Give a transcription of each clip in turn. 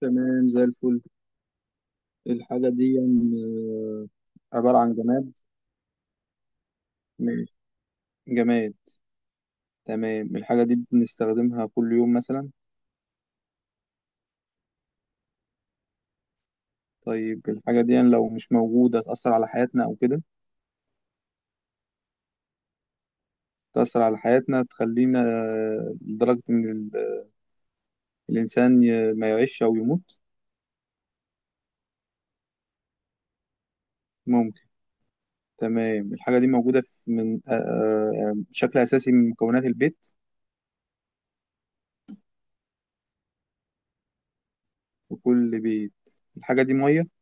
تمام زي الفل. الحاجة دي يعني، عبارة عن جماد. ماشي. جماد. تمام. الحاجة دي بنستخدمها كل يوم مثلا. طيب، الحاجة دي يعني لو مش موجودة تأثر على حياتنا أو كده. تأثر على حياتنا، تخلينا لدرجة إن الإنسان ما يعيش أو يموت. ممكن. تمام. الحاجة دي موجودة في من آه، آه، بشكل أساسي من مكونات البيت. وكل بيت. الحاجة دي مية.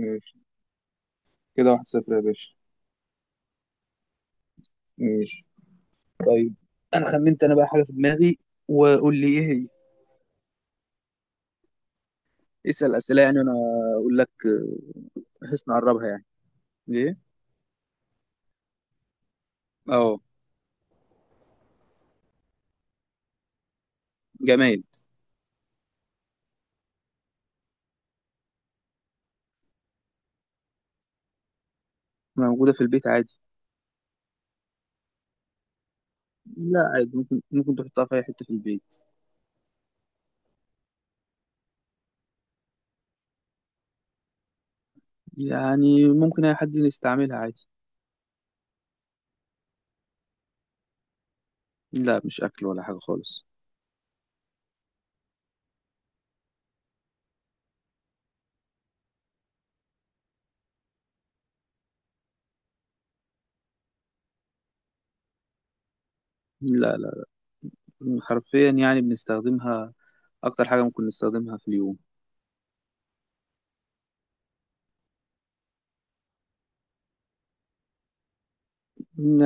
ماشي. كده، 1-0 يا باشا. ماشي. طيب. انا خمنت، انا بقى حاجه في دماغي، وقول لي ايه هي. اسال اسئله يعني، وانا اقول لك، بحيث نقربها، يعني ايه. اه. جماد. موجوده في البيت عادي. لا، عادي. ممكن تحطها في اي حته في البيت. يعني ممكن اي حد يستعملها عادي. لا، مش اكل ولا حاجه خالص. لا، لا، حرفيا يعني بنستخدمها. اكتر حاجه ممكن نستخدمها في اليوم.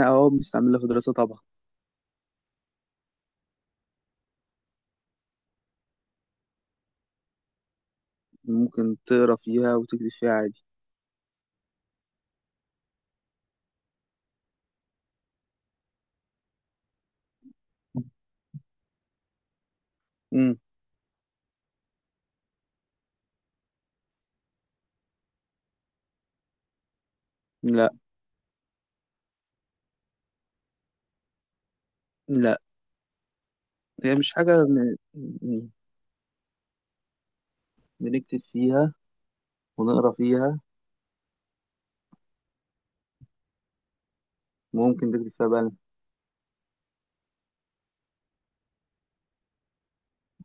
اه، بنستعملها في دراسه طبعا. ممكن تقرا فيها وتكتب فيها عادي. امم لا، لا، هي مش حاجة م- بنكتب فيها ونقرا فيها. ممكن نكتب فيها بقى.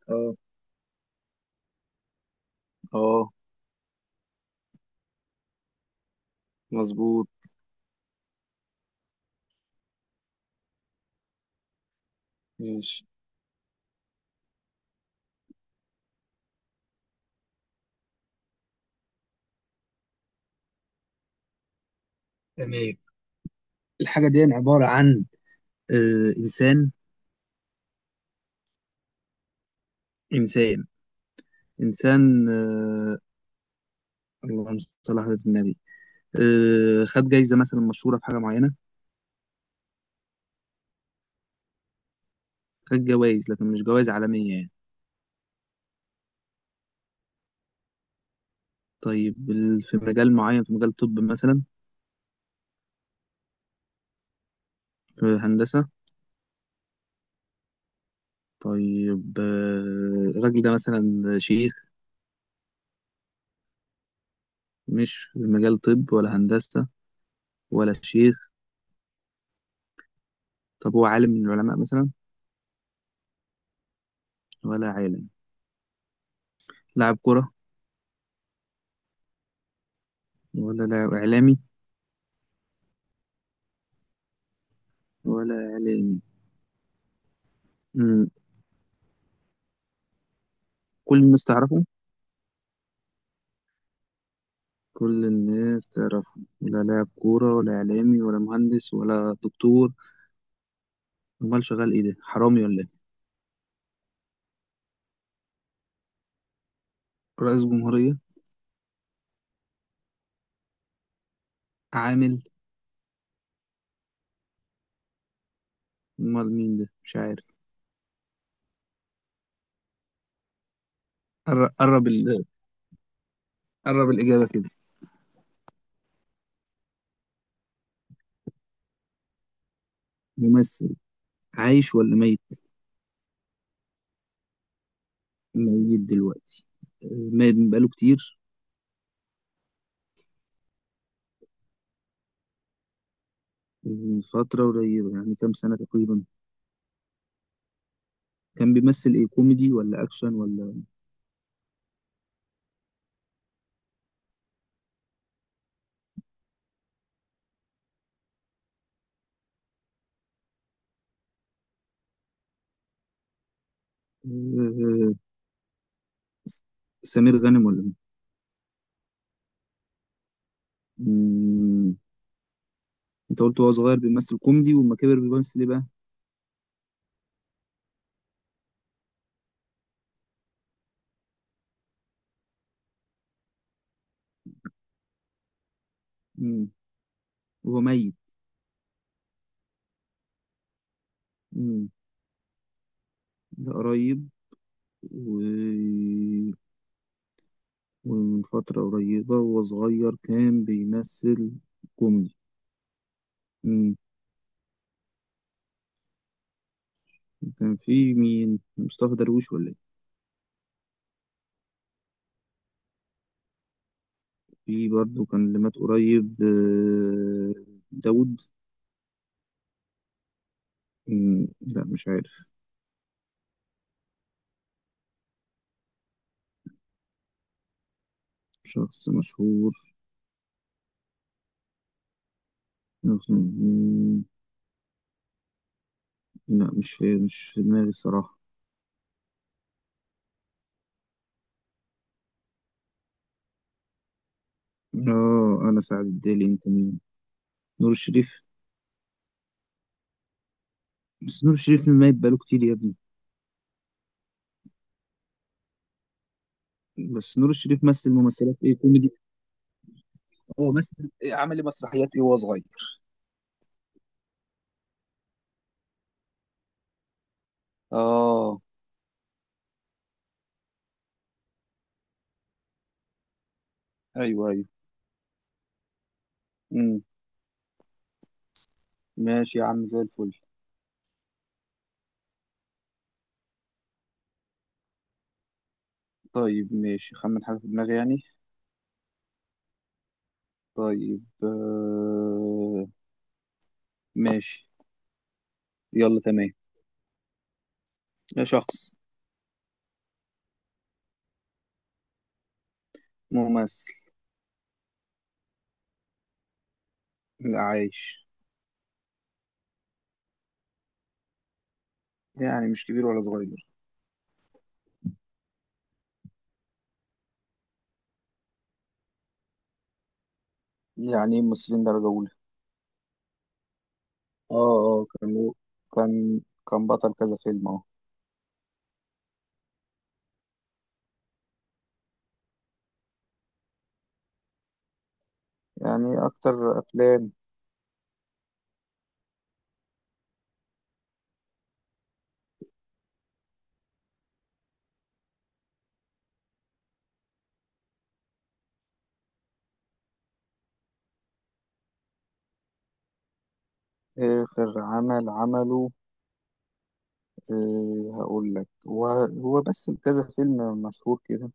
اه. اه. مظبوط. ماشي. تمام. الحاجة دي عبارة عن إنسان. إنسان. إنسان. اللهم صل على حضرة النبي. خد جايزة مثلا مشهورة في حاجة معينة. خد جوائز لكن مش جوائز عالمية يعني. طيب، في مجال معين، في مجال طب مثلا. في هندسة. طيب، الراجل ده مثلا شيخ. مش في مجال طب ولا هندسة. ولا شيخ. طب هو عالم من العلماء مثلا؟ ولا عالم. لاعب كرة؟ ولا لاعب إعلامي. ولا إعلامي؟ مم. كل الناس تعرفه. كل الناس تعرفه، ولا لاعب كورة ولا إعلامي ولا مهندس ولا دكتور. أمال شغال إيه ده، حرامي ولا إيه؟ رئيس جمهورية؟ عامل؟ أمال مين ده، مش عارف. قر- قرب ال... قرب الإجابة كده. ممثل. عايش ولا ميت؟ ميت دلوقتي. ميت بقاله كتير. من فترة قريبة، يعني كام سنة تقريبا؟ كان بيمثل إيه، كوميدي ولا أكشن ولا؟ آه، سمير غانم ولا مين؟ مم، أنت قلت وهو صغير بيمثل كوميدي، وأما كبر بيمثل إيه بقى؟ مم، وهو ميت. مم، ده قريب. و... ومن فترة قريبة، وهو صغير، كان بيمثل كوميدي. مم، كان في مين، مصطفى درويش ولا إيه؟ في برضه كان اللي مات قريب، داوود؟ مم، لا، مش عارف. شخص مشهور؟ لا، مش في دماغي الصراحة. اه، انا سعد الدالي، انت مين؟ نور الشريف. بس نور الشريف ميت بقاله كتير يا ابني. بس نور الشريف مثل ممثلات ايه، كوميدي؟ هو مثل إيه، عمل لي مسرحيات ايه وهو صغير؟ اه. ايوه، ايوه. امم ماشي يا عم، زي الفل. طيب، ماشي، خمن حاجه في دماغي يعني. طيب، ماشي. يلا، تمام. يا شخص. ممثل. لا، عايش. يعني مش كبير ولا صغير. يعني إيه ممثلين درجه اولى؟ اه. اه كان كان كان بطل كذا فيلم. اه يعني اكتر افلام. اخر عمل عمله، إيه، هقول لك. هو بس كذا فيلم مشهور كده.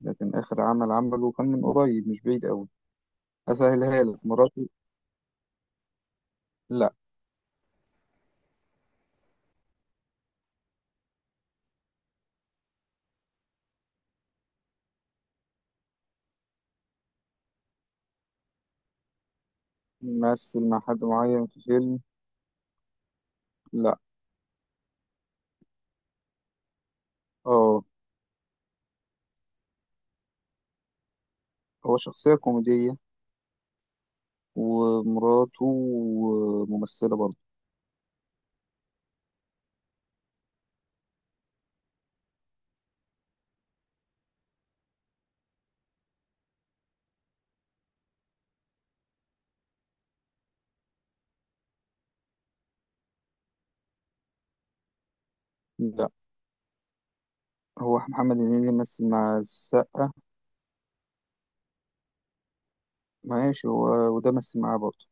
لكن اخر عمل عمله كان من قريب، مش بعيد قوي. اسهلها لك، مراته. لا. مثل مع حد معين في فيلم. لا. اه. هو شخصية كوميدية، ومراته ممثلة برضه. لا، هو محمد هنيدي مثل مع السقا. ماشي، هو. وده مثل معاه برضه.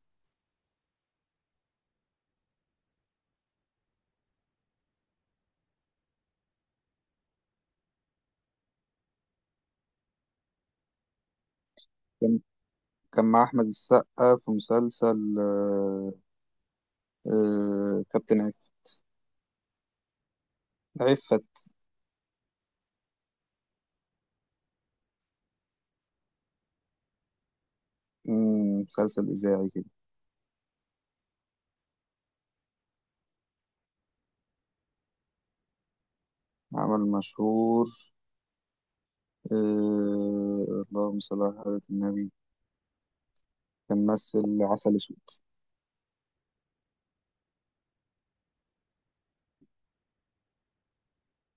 كان مع أحمد السقا في مسلسل كابتن عفت. مسلسل إذاعي كده. عمل مشهور. اللهم صل على حضرة النبي. كان ممثل عسل أسود.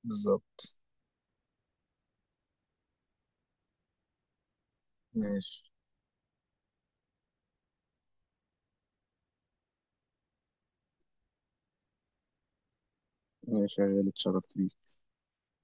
بالظبط. ماشي. ماشي يا غالي، اتشرفت بيك.